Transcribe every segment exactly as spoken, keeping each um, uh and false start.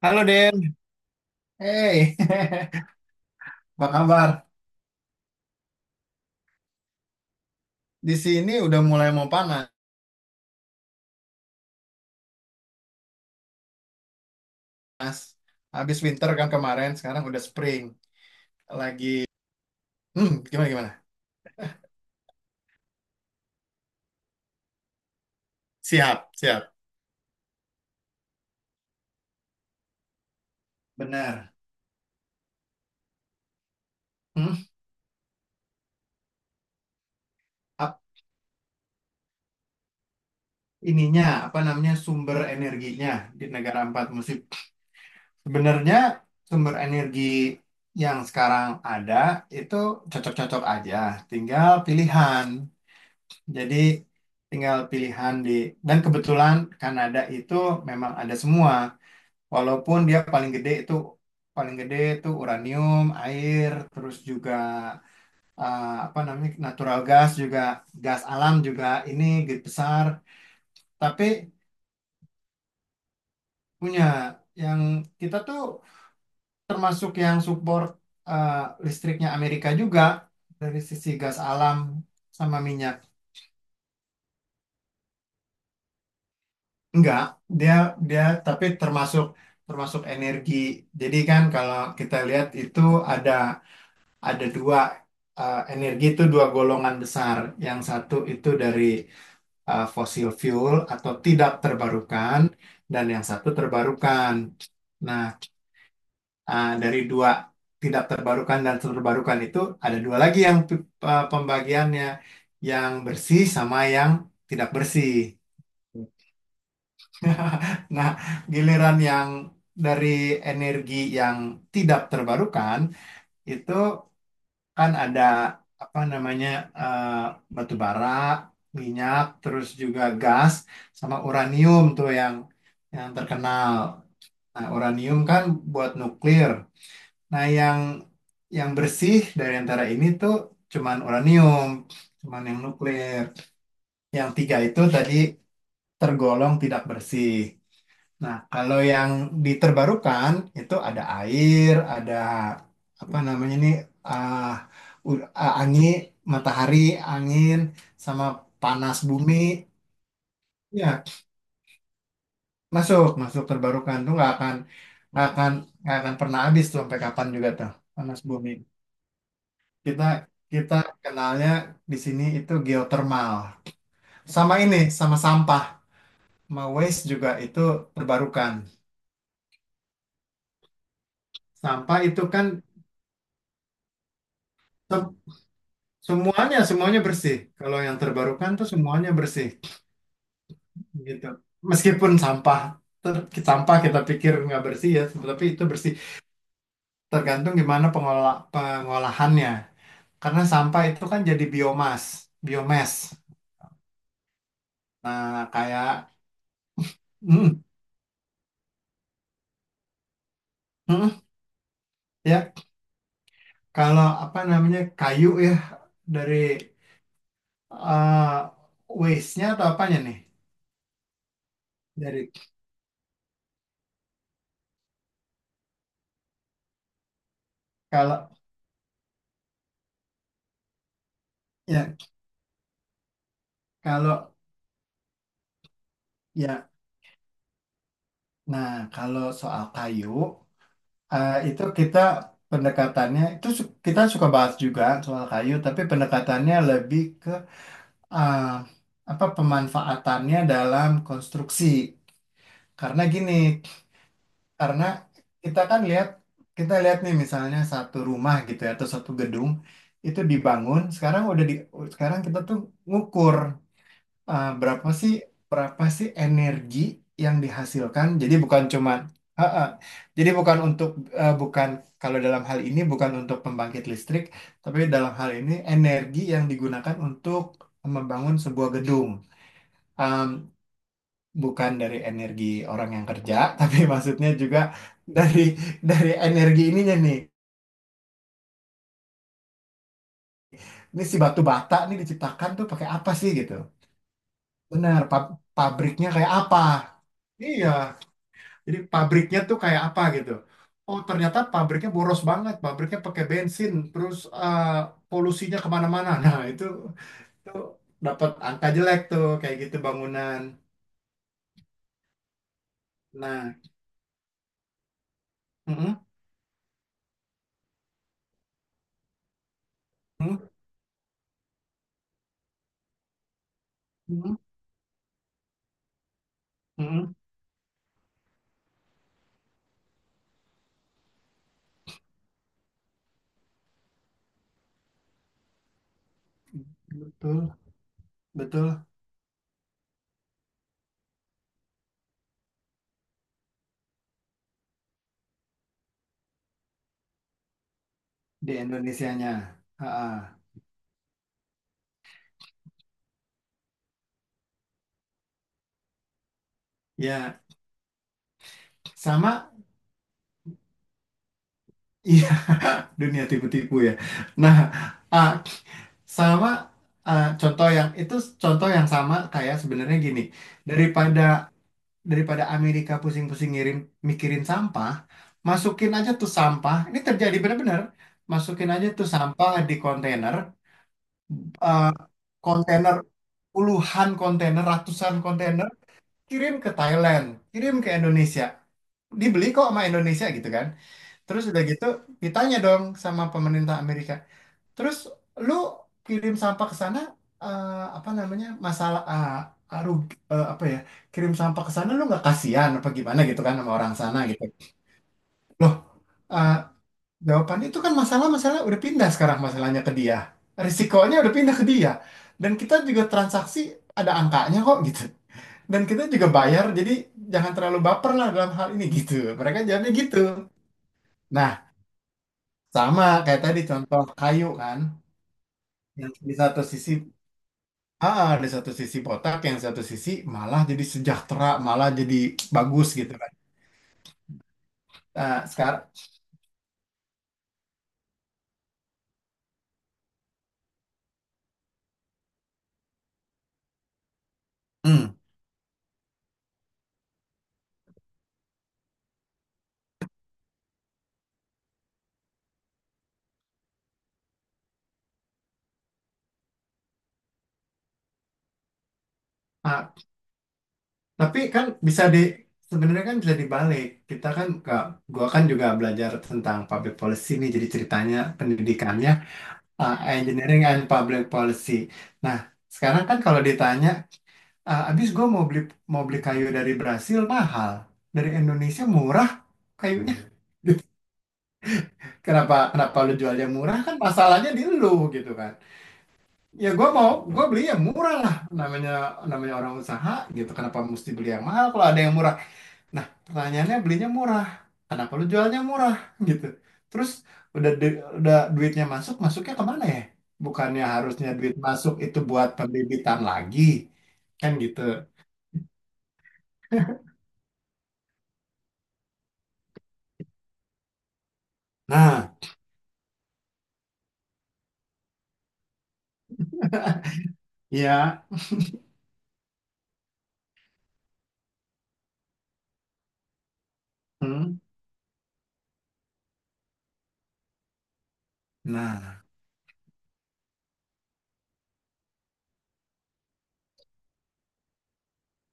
Halo Den, hey, apa kabar? Di sini udah mulai mau panas. Habis winter kan kemarin, sekarang udah spring. Lagi, hmm, gimana gimana? Siap, siap. Benar. Hmm, ap- ininya apa namanya sumber energinya di negara empat musim. Sebenarnya sumber energi yang sekarang ada itu cocok-cocok aja, tinggal pilihan. Jadi tinggal pilihan di dan kebetulan Kanada itu memang ada semua. Walaupun dia paling gede itu paling gede itu uranium, air, terus juga eh, apa namanya natural gas juga, gas alam juga ini gede besar. Tapi punya yang kita tuh termasuk yang support, eh, listriknya Amerika juga dari sisi gas alam sama minyak. Enggak, dia dia tapi termasuk termasuk energi. Jadi kan kalau kita lihat itu ada ada dua, eh, energi itu dua golongan besar. Yang satu itu dari eh, fossil fuel atau tidak terbarukan, dan yang satu terbarukan. Nah, eh, dari dua tidak terbarukan dan terbarukan itu ada dua lagi yang pi- eh, pembagiannya, yang bersih sama yang tidak bersih. Nah, giliran yang dari energi yang tidak terbarukan itu kan ada apa namanya, eh, batu bara, minyak, terus juga gas sama uranium tuh yang yang terkenal. Nah, uranium kan buat nuklir. Nah, yang yang bersih dari antara ini tuh cuman uranium, cuman yang nuklir. Yang tiga itu tadi tergolong tidak bersih. Nah, kalau yang diterbarukan itu ada air, ada apa namanya nih, ah, u- ah, angin, matahari, angin, sama panas bumi. Ya, masuk, masuk terbarukan tuh nggak akan nggak akan nggak akan pernah habis tuh sampai kapan juga tuh, panas bumi. Kita kita kenalnya di sini itu geotermal. Sama ini, sama sampah, sama waste juga itu terbarukan. Sampah itu kan semuanya, semuanya bersih. Kalau yang terbarukan tuh semuanya bersih, gitu. Meskipun sampah, ter- sampah kita pikir nggak bersih ya, tapi itu bersih. Tergantung gimana pengolah pengolahannya. Karena sampah itu kan jadi biomas, biomes. Nah, kayak, mm, mm, ya, kalau apa namanya kayu ya, dari eh waste-nya atau apanya nih? Dari kalau ya, kalau ya, nah kalau soal kayu. Eh, itu kita pendekatannya itu su- kita suka bahas juga soal kayu, tapi pendekatannya lebih ke eh, apa, pemanfaatannya dalam konstruksi. Karena gini, karena kita kan lihat kita lihat nih misalnya satu rumah gitu ya atau satu gedung itu dibangun, sekarang udah di, sekarang kita tuh ngukur, eh, berapa sih berapa sih energi yang dihasilkan? Jadi bukan cuma, Ah, ah. Jadi bukan untuk, eh, bukan kalau dalam hal ini bukan untuk pembangkit listrik, tapi dalam hal ini energi yang digunakan untuk membangun sebuah gedung. Em, bukan dari energi orang yang kerja, tapi maksudnya juga dari dari energi ininya nih. Ini si batu bata nih diciptakan tuh pakai apa sih gitu? Benar, pab- pabriknya kayak apa? Iya. Jadi pabriknya tuh kayak apa gitu. Oh ternyata pabriknya boros banget, pabriknya pakai bensin, terus eh, polusinya kemana-mana. Nah itu itu dapat angka jelek tuh kayak gitu bangunan. Nah, mm-mm, mm-mm, mm-mm, mm-mm, betul, betul, di Indonesianya. Ha-ha. Ya sama, iya, dunia tipu-tipu ya. Nah, ah, sama, ah, contoh yang itu, contoh yang sama kayak sebenarnya gini, daripada daripada Amerika pusing-pusing ngirim, mikirin sampah, masukin aja tuh sampah. Ini terjadi benar-benar. Masukin aja tuh sampah di kontainer, eh, kontainer, puluhan kontainer, ratusan kontainer, kirim ke Thailand, kirim ke Indonesia. Dibeli kok sama Indonesia gitu kan. Terus udah gitu ditanya dong sama pemerintah Amerika, terus lu kirim sampah ke sana, eh, apa namanya masalah ah, ah, eh, apa ya, kirim sampah ke sana lu nggak kasihan apa gimana gitu kan sama orang sana gitu. Loh, eh, jawabannya itu kan masalah-masalah udah pindah, sekarang masalahnya ke dia. Risikonya udah pindah ke dia. Dan kita juga transaksi, ada angkanya kok gitu. Dan kita juga bayar, jadi jangan terlalu baper lah dalam hal ini gitu. Mereka jawabnya gitu. Nah, sama kayak tadi contoh kayu kan. Yang di satu sisi, ah, di satu sisi botak, yang satu sisi malah jadi sejahtera, malah jadi bagus gitu kan. Ah, sekarang, hmm. Ah, tapi kan bisa di, sebenarnya kan bisa dibalik. Kita kan ke, gua kan juga belajar tentang public policy nih, jadi ceritanya pendidikannya ah, engineering and public policy. Nah, sekarang kan kalau ditanya, ah, abis gua mau beli, mau beli kayu dari Brasil mahal, dari Indonesia murah kayunya. Gitu. Kenapa kenapa lu jualnya murah, kan masalahnya di lu gitu kan. Ya gue mau, gue beli yang murah lah, namanya, namanya orang usaha gitu, kenapa mesti beli yang mahal kalau ada yang murah. Nah, pertanyaannya belinya murah, kenapa lu jualnya murah? Gitu. Terus udah du- udah duitnya masuk, masuknya kemana ya, bukannya harusnya duit masuk itu buat pembibitan lagi kan gitu. Nah ya, hmm, nah,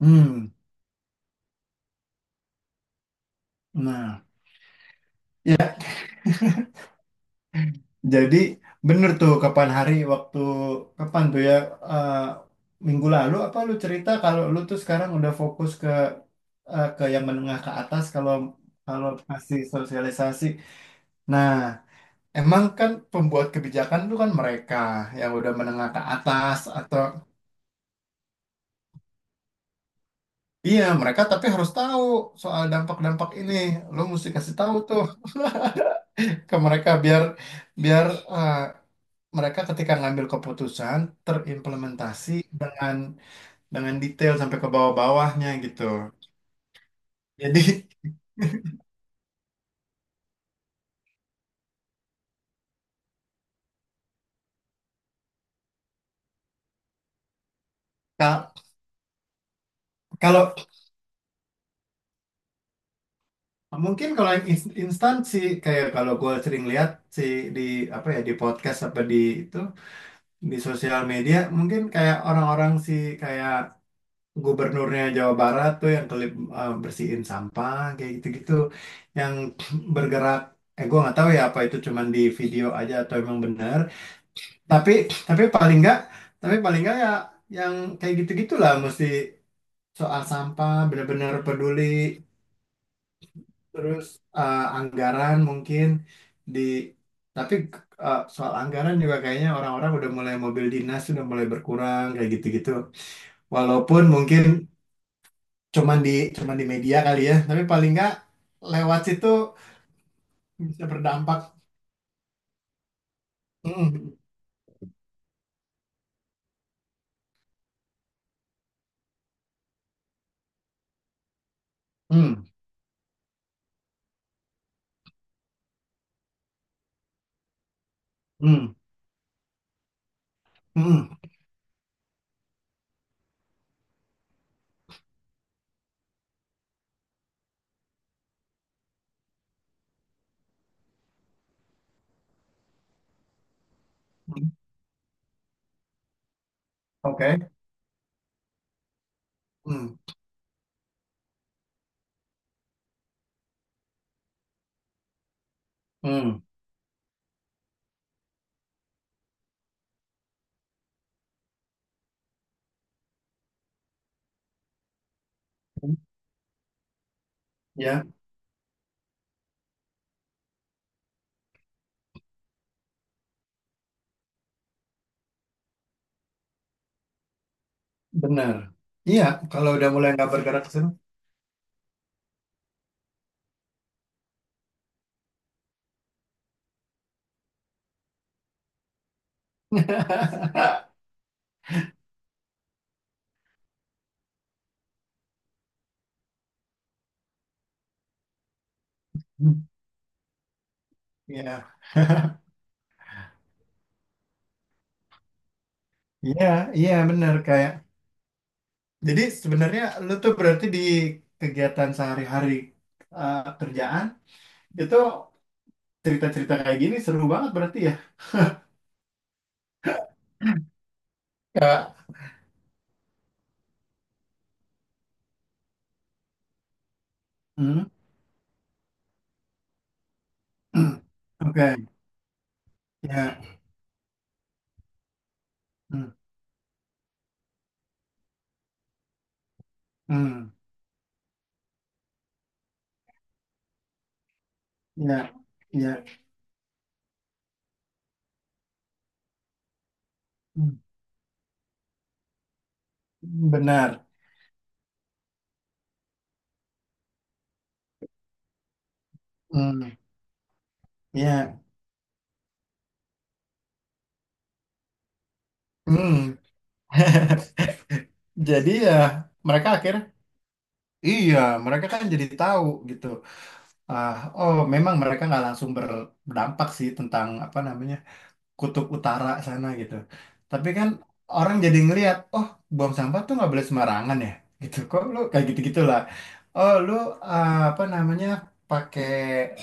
hmm, nah ya. Jadi bener tuh kapan hari, waktu kapan tuh ya, eh, minggu lalu apa lu cerita kalau lu tuh sekarang udah fokus ke eh, ke yang menengah ke atas, kalau kalau masih sosialisasi. Nah, emang kan pembuat kebijakan itu kan mereka yang udah menengah ke atas atau, iya mereka, tapi harus tahu soal dampak-dampak ini. Lu mesti kasih tahu tuh ke mereka biar, biar eh, mereka ketika ngambil keputusan terimplementasi dengan dengan detail sampai ke bawah-bawahnya gitu. Jadi ka- kalau mungkin kalau yang ins- instan sih kayak, kalau gue sering lihat sih di apa ya, di podcast apa di itu, di sosial media mungkin kayak orang-orang sih, kayak gubernurnya Jawa Barat tuh yang kelip, eh, bersihin sampah kayak gitu-gitu yang bergerak, eh gue nggak tahu ya apa itu cuman di video aja atau emang benar, tapi tapi paling nggak, tapi paling nggak ya yang kayak gitu-gitulah mesti soal sampah benar-benar peduli. Terus eh, anggaran mungkin di, tapi eh, soal anggaran juga kayaknya orang-orang udah mulai, mobil dinas udah mulai berkurang kayak gitu-gitu, walaupun mungkin cuman di cuman di media kali ya, tapi paling nggak lewat situ bisa berdampak. Mm, mm, mm, mm, mm. Oke. Mm, mm. Ya, benar, iya, kalau udah mulai nggak bergerak ke situ. Ya. Iya, iya bener kayak. Jadi sebenarnya lu tuh berarti di kegiatan sehari-hari, eh, kerjaan itu, cerita-cerita kayak gini seru banget berarti ya. Ya. Hmm. Oke. Ya. Hmm. Hmm. Ya. Ya. Hmm. Benar. Hmm. Ya. Hmm. Jadi ya mereka akhirnya, iya mereka kan jadi tahu gitu. Ah, oh memang mereka nggak langsung ber- berdampak sih tentang apa namanya, kutub utara sana gitu. Tapi kan orang jadi ngelihat, oh buang sampah tuh nggak boleh sembarangan ya, gitu. Kok lu kayak gitu-gitulah. Oh lu, ah, apa namanya, pakai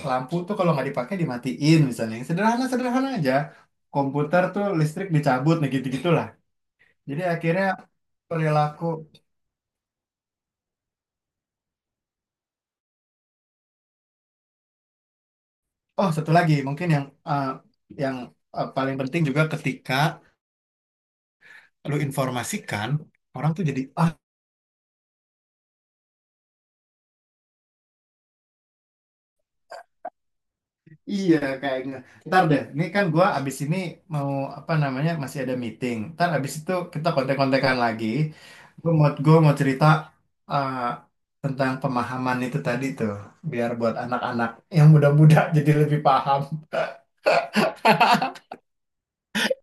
lampu tuh kalau nggak dipakai dimatiin misalnya. Yang sederhana sederhana aja. Komputer tuh listrik dicabut, nah gitu-gitulah. Jadi akhirnya perilaku. Oh satu lagi mungkin yang, ah, yang ah, paling penting juga ketika lu informasikan, orang tuh jadi ah, iya kayaknya. Ntar deh, ini kan gua abis ini mau apa namanya, masih ada meeting. Ntar abis itu kita kontek-kontekan lagi. Gue mau Gua mau cerita eh, tentang pemahaman itu tadi tuh, biar buat anak-anak yang muda-muda jadi lebih paham.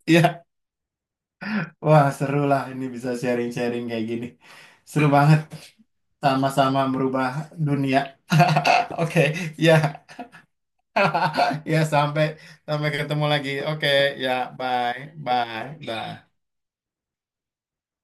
Iya, wah seru lah ini bisa sharing-sharing kayak gini. Seru banget, sama-sama merubah dunia. Oke, ya, ya sampai, sampai ketemu lagi. Oke, ya, bye, bye, bye.